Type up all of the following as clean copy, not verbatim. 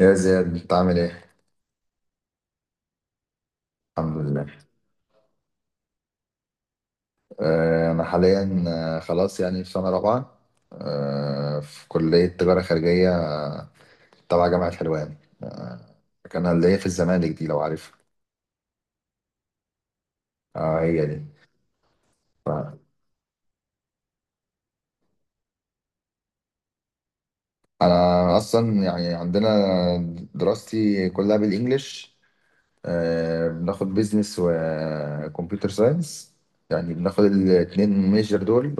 يا زياد انت عامل ايه؟ الحمد لله. انا حاليا خلاص يعني في سنة رابعة، في كلية تجارة خارجية تبع جامعة حلوان. كان اللي هي في الزمالك دي لو عارفها. اه، هي دي. انا اصلا يعني عندنا دراستي كلها بالانجلش. بناخد بيزنس وكمبيوتر ساينس، يعني بناخد الاتنين ميجر دول.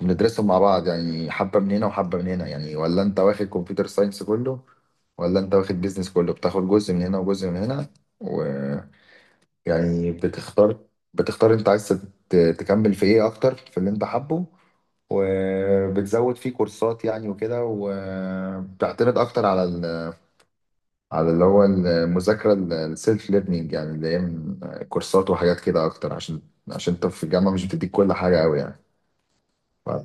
بندرسهم مع بعض، يعني حبة من هنا وحبة من هنا. يعني ولا انت واخد كمبيوتر ساينس كله ولا انت واخد بيزنس كله، بتاخد جزء من هنا وجزء من هنا. ويعني بتختار بتختار، انت عايز تكمل في ايه اكتر، في اللي انت حابه، وبتزود فيه كورسات يعني وكده. وبتعتمد اكتر على على اللي هو المذاكرة، السيلف ليرنينج، يعني اللي هي من كورسات وحاجات كده اكتر، عشان انت في الجامعة مش بتديك كل حاجة قوي يعني. ف-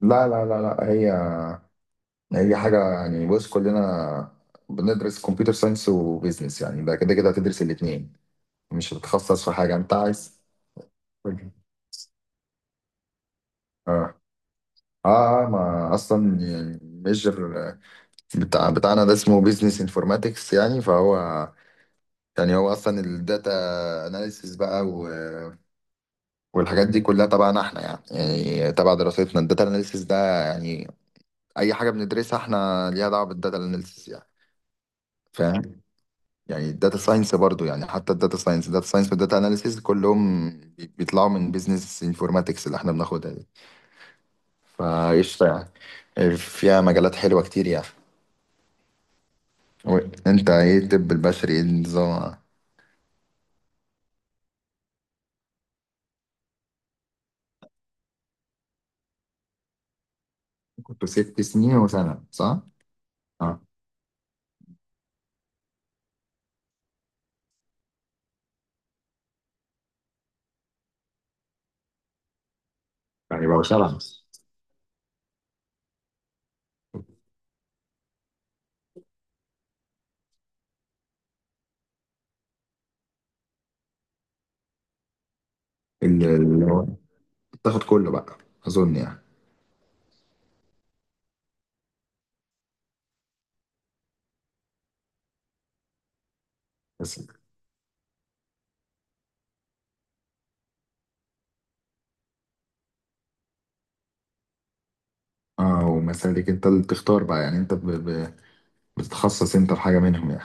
لا لا لا لا، هي حاجة يعني. بص، كلنا بندرس كمبيوتر ساينس وبيزنس، يعني ده كده كده هتدرس الاتنين، مش هتتخصص في حاجة انت عايز. اه، اه، ما اصلا يعني ميجر بتاعنا ده اسمه بيزنس انفورماتكس. يعني فهو، يعني هو اصلا الداتا اناليسيس بقى، والحاجات دي كلها تبعنا احنا. يعني تبع دراستنا الداتا اناليسيس ده. يعني اي حاجة بندرسها احنا ليها دعوة بالداتا اناليسيس يعني، فاهم؟ يعني الداتا ساينس برضو، يعني حتى الداتا ساينس، والداتا اناليسيز كلهم بيطلعوا من بيزنس انفورماتكس اللي احنا بناخدها دي. فقشطة، يعني فيها مجالات حلوة كتير يعني. و- انت ايه، الطب البشري ايه النظام؟ كنت 6 سنين وسنة، صح؟ اه، يعني بقى 7. اللي هو تاخد كله بقى، اظن يعني. بس. اه، ومسالك. انت اللي بتختار بقى يعني، انت بتتخصص انت في حاجة منهم يعني؟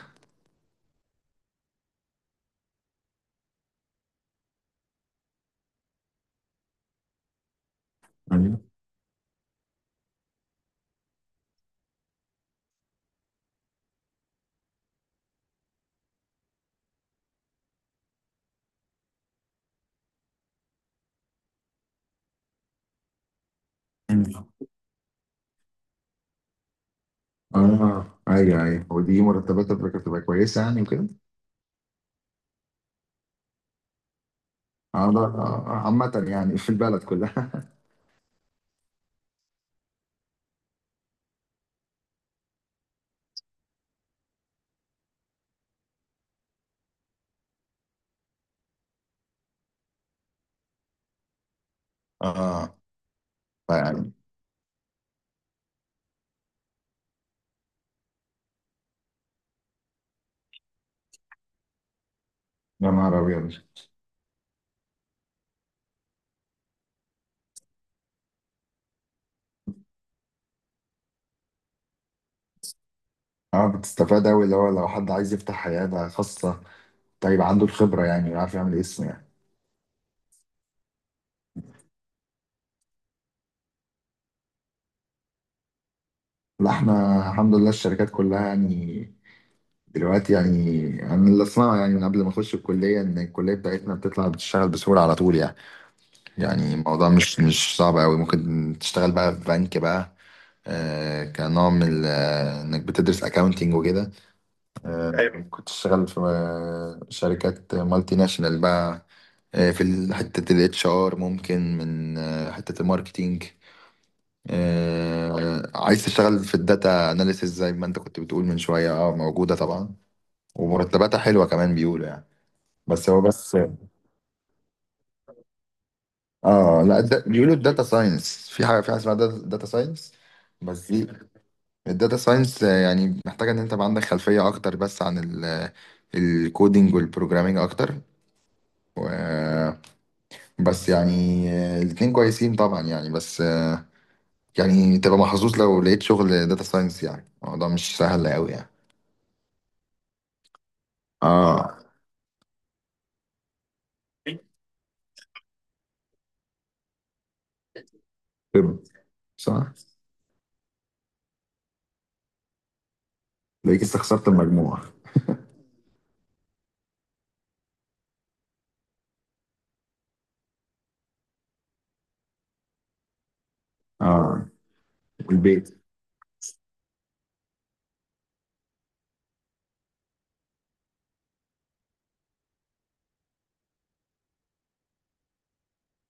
أيوة. اه، ايوه، ايوه، ودي مرتبات بتبقى بتبقى كويسه يعني وكده. اه، ده عامة يعني في البلد كلها. اه. فيعني يا نهار ابيض. اه، بتستفاد اوي، اللي هو لو حد عايز يفتح حياة خاصة، طيب عنده الخبرة يعني، ويعرف يعمل اسم يعني. لا، احنا الحمد لله الشركات كلها يعني دلوقتي. يعني انا اللي اسمعه يعني من قبل ما اخش الكلية، ان الكلية بتاعتنا بتطلع بتشتغل بسهولة على طول يعني. يعني الموضوع مش صعب قوي، ممكن تشتغل بقى في بنك بقى، كنوع من انك بتدرس اكاونتنج وكده. ايوه، كنت تشتغل في شركات مالتي ناشونال بقى. في حتة الاتش ار، ممكن من حتة الماركتينج. عايز تشتغل في الداتا اناليسيس زي ما انت كنت بتقول من شوية، اه، موجودة طبعا، ومرتباتها حلوة كمان بيقولوا يعني. بس هو، بس اه. لا، ده بيقولوا الداتا ساينس، في حاجه، اسمها داتا ساينس. بس دي الداتا ساينس، يعني محتاجه ان انت يبقى عندك خلفيه اكتر، بس عن الكودينج والبروجرامينج اكتر. و- بس يعني الاتنين كويسين طبعا يعني، بس يعني تبقى محظوظ لو لقيت شغل داتا ساينس، يعني الموضوع مش سهل قوي يعني. اه، طب. صح، لقيت استخسرت المجموع. اه، البيت.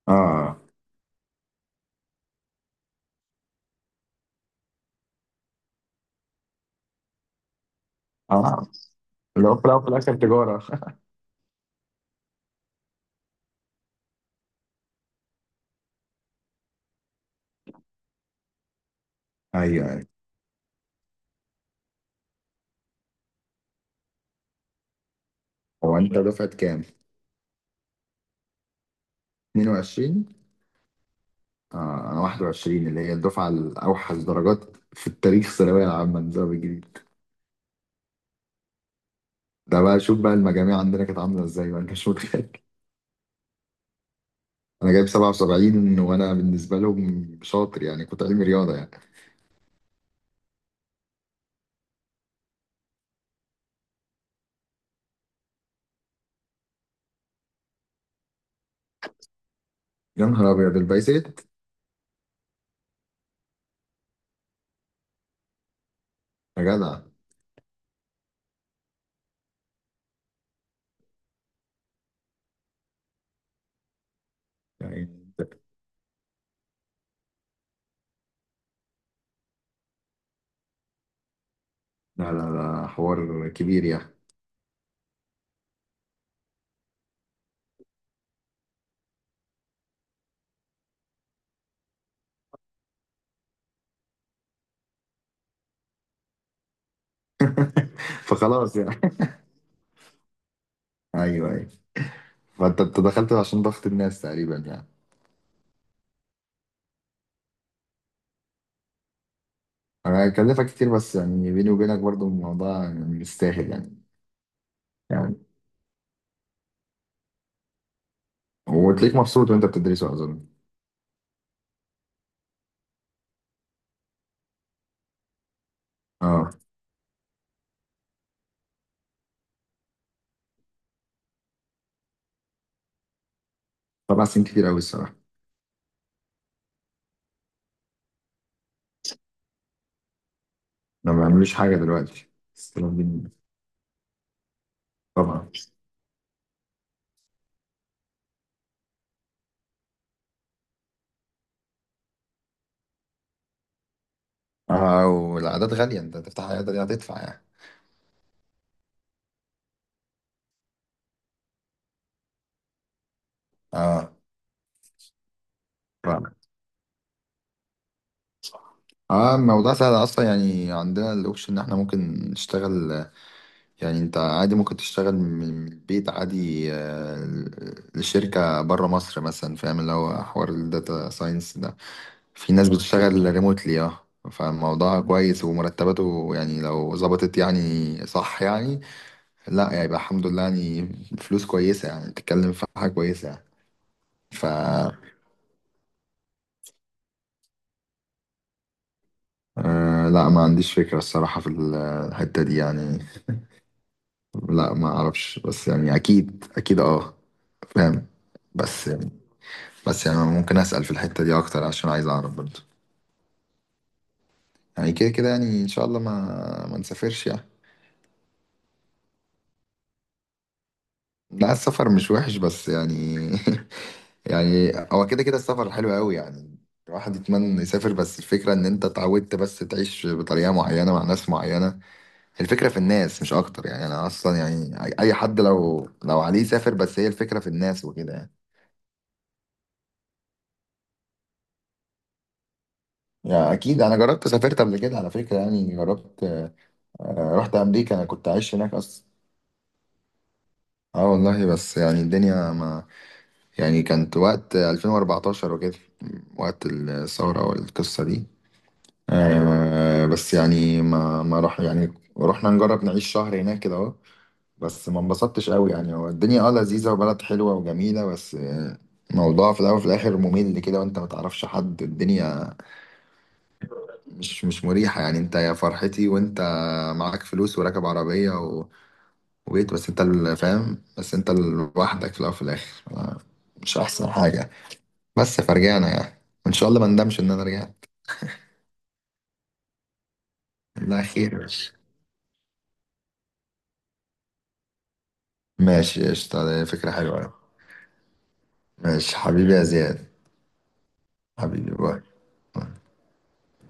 اه. اه، لو في الأول وفي الاخر تجاره. ايوه. هو انت دفعة كام؟ 22. انا 21، اللي هي الدفعة الاوحش درجات في التاريخ، الثانوية العامة النظام الجديد. ده بقى، شوف بقى المجاميع عندنا كانت عاملة ازاي بقى، انت مش متخيل. انا جايب 77 وانا بالنسبة لهم شاطر يعني، كنت علمي رياضة يعني. يا نهار ابيض البايسات، يا جدع. يعني لا، لا، لا، حوار كبير يعني. فخلاص يعني. ايوه، ايوه، فانت دخلت عشان ضغط الناس تقريبا يعني. انا هكلفك كتير، بس يعني بيني وبينك برضو الموضوع يعني مستاهل يعني. يعني وتلاقيك مبسوط وانت بتدرسه، اظن. اه، طبعا سنين كتير قوي الصراحه. ما بعملوش حاجه دلوقتي، بس كانوا طبعا. اه، والعادات غاليه، انت تفتح عياده دي هتدفع يعني. اه، طبعا. اه، الموضوع سهل اصلا يعني، عندنا الاوبشن ان احنا ممكن نشتغل. يعني انت عادي ممكن تشتغل من البيت عادي، لشركة بره مصر مثلا، فاهم، اللي هو حوار الداتا ساينس ده. في ناس بتشتغل ريموتلي، اه. فالموضوع كويس ومرتباته يعني لو ظبطت يعني، صح يعني. لا، يعني يبقى الحمد لله يعني، فلوس كويسة يعني، تتكلم في حاجة كويسة يعني. ف، لا، ما عنديش فكرة الصراحة في الحتة دي يعني. لا، ما اعرفش، بس يعني اكيد، اكيد، اه، فاهم. بس بس يعني ممكن اسال في الحته دي اكتر، عشان عايز اعرف برضه. يعني كده كده، يعني ان شاء الله ما نسافرش يعني. لا، السفر مش وحش، بس يعني. يعني هو كده كده السفر حلو قوي يعني، الواحد يتمنى انه يسافر، بس الفكره ان انت اتعودت بس تعيش بطريقه معينه مع ناس معينه. الفكره في الناس مش اكتر يعني. انا اصلا يعني اي حد لو عليه يسافر، بس هي الفكره في الناس وكده يعني. يعني اكيد انا جربت، سافرت قبل كده على فكره، يعني جربت. رحت امريكا، انا كنت عايش هناك اصلا. اه والله. بس يعني الدنيا ما، يعني كانت وقت 2014 وكده، وقت الثورة والقصة دي. بس يعني ما راح، يعني رحنا نجرب نعيش شهر هناك كده اهو. بس ما انبسطتش قوي يعني، هو الدنيا اه لذيذة وبلد حلوة وجميلة، بس الموضوع في الاول وفي الاخر ممل كده، وانت ما تعرفش حد. الدنيا مش مريحة يعني. انت يا فرحتي وانت معاك فلوس وراكب عربية ويت، بس انت اللي فاهم، بس انت لوحدك في الاول وفي الاخر مش احسن حاجه. بس فرجعنا يعني، وان شاء الله ما ندمش ان انا رجعت. لا، خير يا باشا. ماشي قشطة، ده فكره حلوه أوي. ماشي حبيبي يا زياد. حبيبي باي.